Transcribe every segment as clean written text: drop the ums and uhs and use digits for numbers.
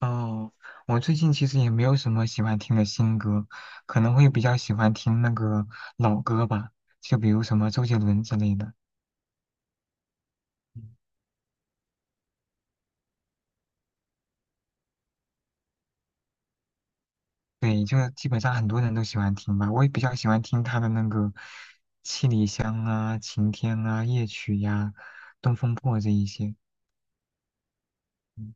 哦，我最近其实也没有什么喜欢听的新歌，可能会比较喜欢听那个老歌吧，就比如什么周杰伦之类的。嗯对，就基本上很多人都喜欢听吧，我也比较喜欢听他的那个《七里香》啊、《晴天》啊、《夜曲》呀、《东风破》这一些。嗯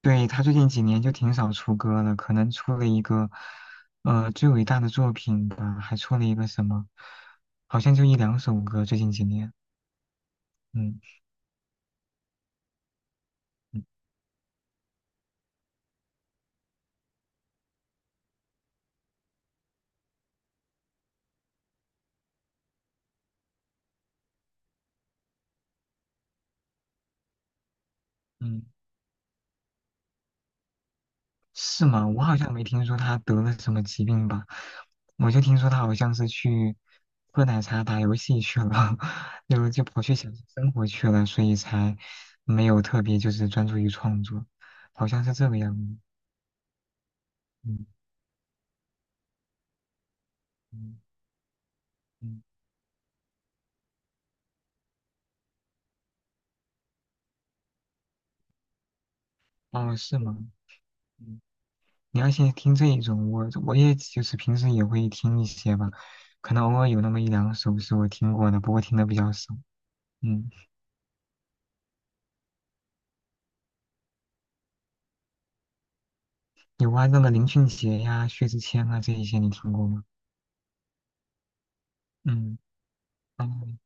对，他最近几年就挺少出歌了，可能出了一个最伟大的作品吧，还出了一个什么，好像就一两首歌，最近几年。嗯嗯。是吗？我好像没听说他得了什么疾病吧，我就听说他好像是去喝奶茶、打游戏去了，然后就跑去享受生活去了，所以才没有特别就是专注于创作，好像是这个样子。嗯嗯嗯，哦，是吗？嗯，你要先听这一种，我也就是平时也会听一些吧，可能偶尔有那么一两首是我听过的，不过听的比较少。嗯，有啊，那个林俊杰呀、薛之谦啊这一些你听过吗？嗯。嗯，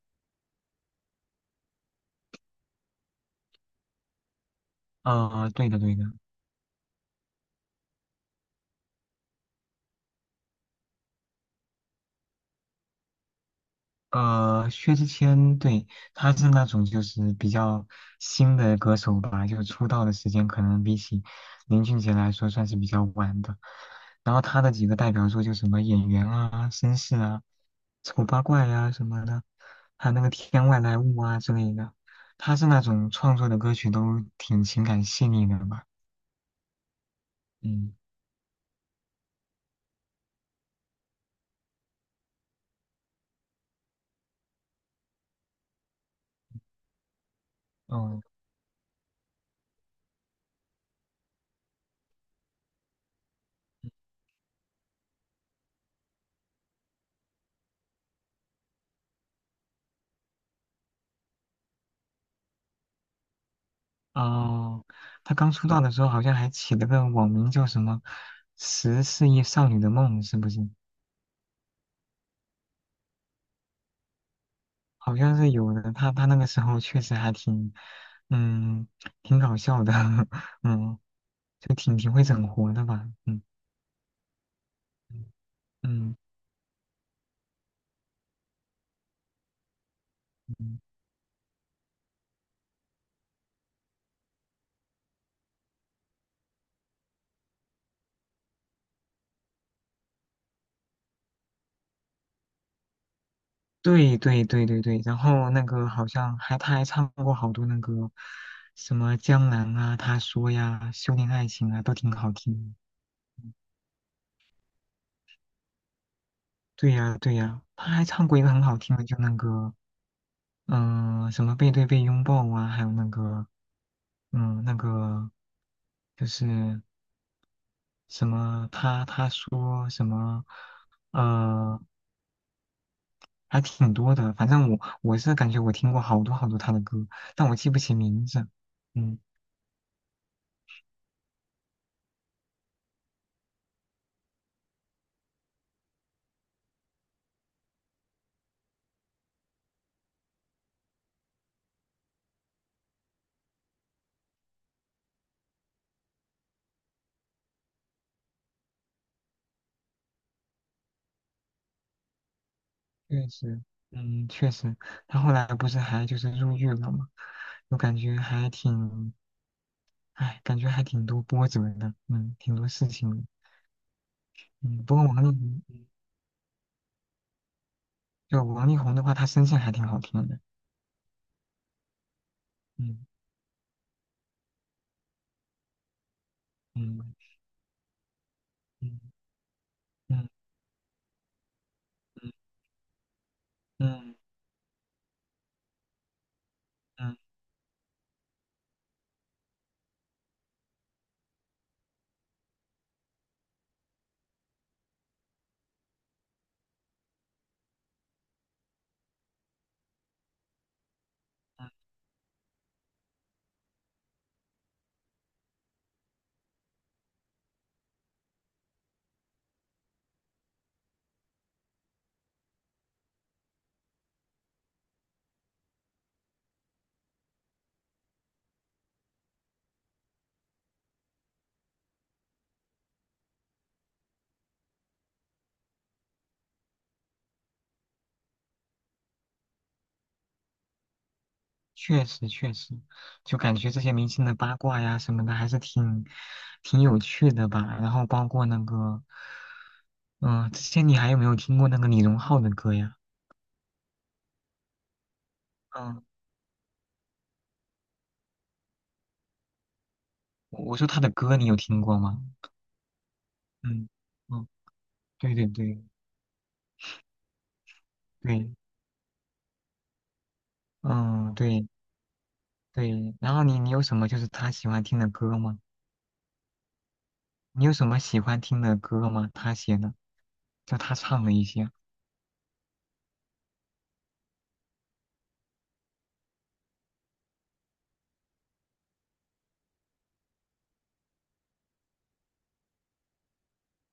对的，对的，薛之谦，对，他是那种就是比较新的歌手吧，就出道的时间可能比起林俊杰来说算是比较晚的。然后他的几个代表作就什么《演员》啊、《绅士》啊、《丑八怪》啊什么的，还有那个《天外来物》啊之类的。他是那种创作的歌曲都挺情感细腻的吧？嗯，哦。哦，他刚出道的时候好像还起了个网名叫什么“十四亿少女的梦”，是不是？好像是有的。他那个时候确实还挺，嗯，挺搞笑的，嗯，就挺会整活的吧，嗯嗯嗯，对对对对对。然后那个好像还他还唱过好多那个什么《江南》啊，他说呀，《修炼爱情》啊，都挺好听的。对呀，对呀，他还唱过一个很好听的，就那个嗯、什么背对背拥抱啊，还有那个，嗯，那个就是什么他说什么，呃，还挺多的。反正我是感觉我听过好多好多他的歌，但我记不起名字。嗯，确实，嗯，确实，他后来不是还就是入狱了嘛，我感觉还挺，哎，感觉还挺多波折的，嗯，挺多事情的。嗯，不过王力宏，嗯就王力宏的话，他声线还挺好听的。嗯。嗯，嗯嗯嗯嗯嗯，嗯，确实确实，就感觉这些明星的八卦呀什么的，还是挺有趣的吧。然后包括那个，嗯、之前你还有没有听过那个李荣浩的歌呀？嗯，我说他的歌你有听过吗？嗯嗯，对对对对，嗯对对。然后你有什么就是他喜欢听的歌吗？你有什么喜欢听的歌吗？他写的，就他唱的一些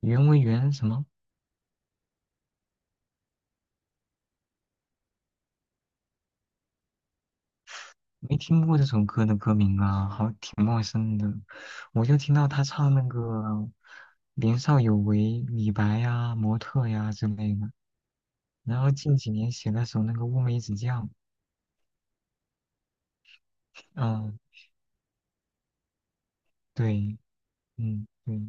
《缘为缘》什么？没听过这首歌的歌名啊，好，挺陌生的。我就听到他唱那个"年少有为"、李白呀、模特呀之类的。然后近几年写了首那个《乌梅子酱》，嗯，对，嗯对，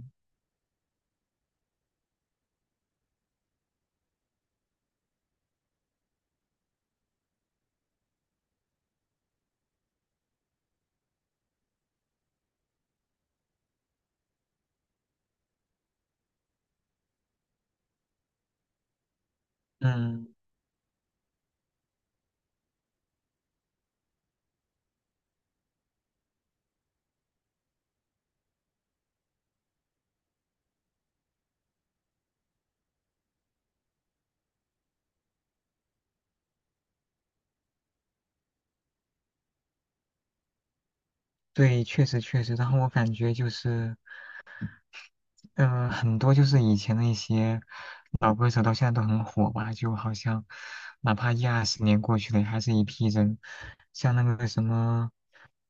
嗯对，确实确实。然后我感觉就是。嗯，很多就是以前的一些老歌手到现在都很火吧，就好像哪怕一二十年过去了，还是一批人，像那个什么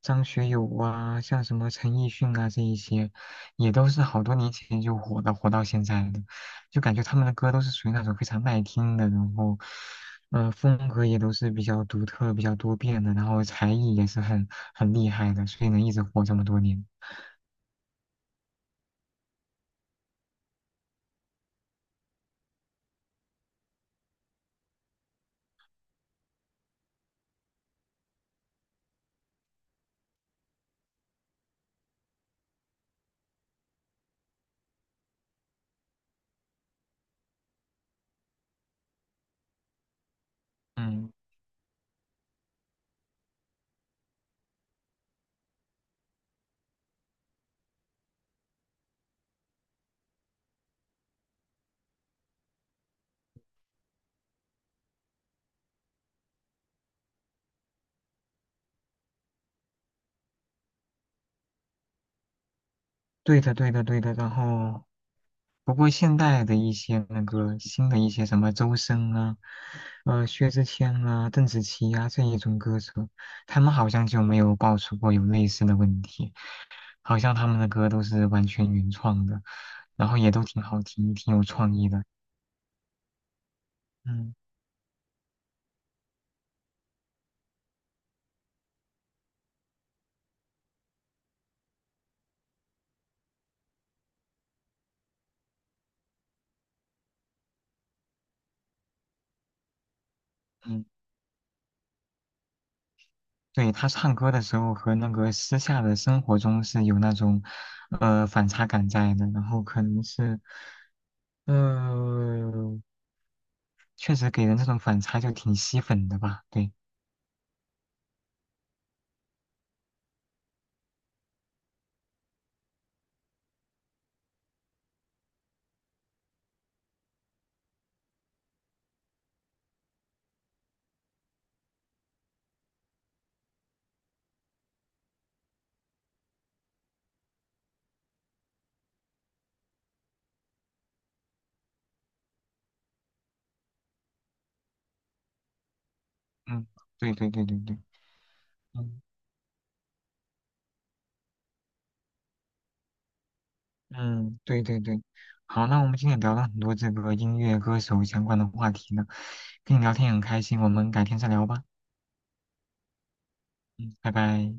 张学友啊，像什么陈奕迅啊这一些，也都是好多年前就火的，火到现在的，就感觉他们的歌都是属于那种非常耐听的，然后，风格也都是比较独特、比较多变的，然后才艺也是很厉害的，所以能一直火这么多年。嗯。对的，对的，对的。然后不过现代的一些那个新的一些什么周深啊，薛之谦啊、邓紫棋啊这一种歌手，他们好像就没有爆出过有类似的问题，好像他们的歌都是完全原创的，然后也都挺好听、挺有创意的。嗯嗯，对，他唱歌的时候和那个私下的生活中是有那种反差感在的，然后可能是呃确实给人这种反差就挺吸粉的吧，对。嗯，对对对对对，嗯嗯，对对对，好，那我们今天也聊了很多这个音乐歌手相关的话题呢，跟你聊天也很开心，我们改天再聊吧，嗯，拜拜。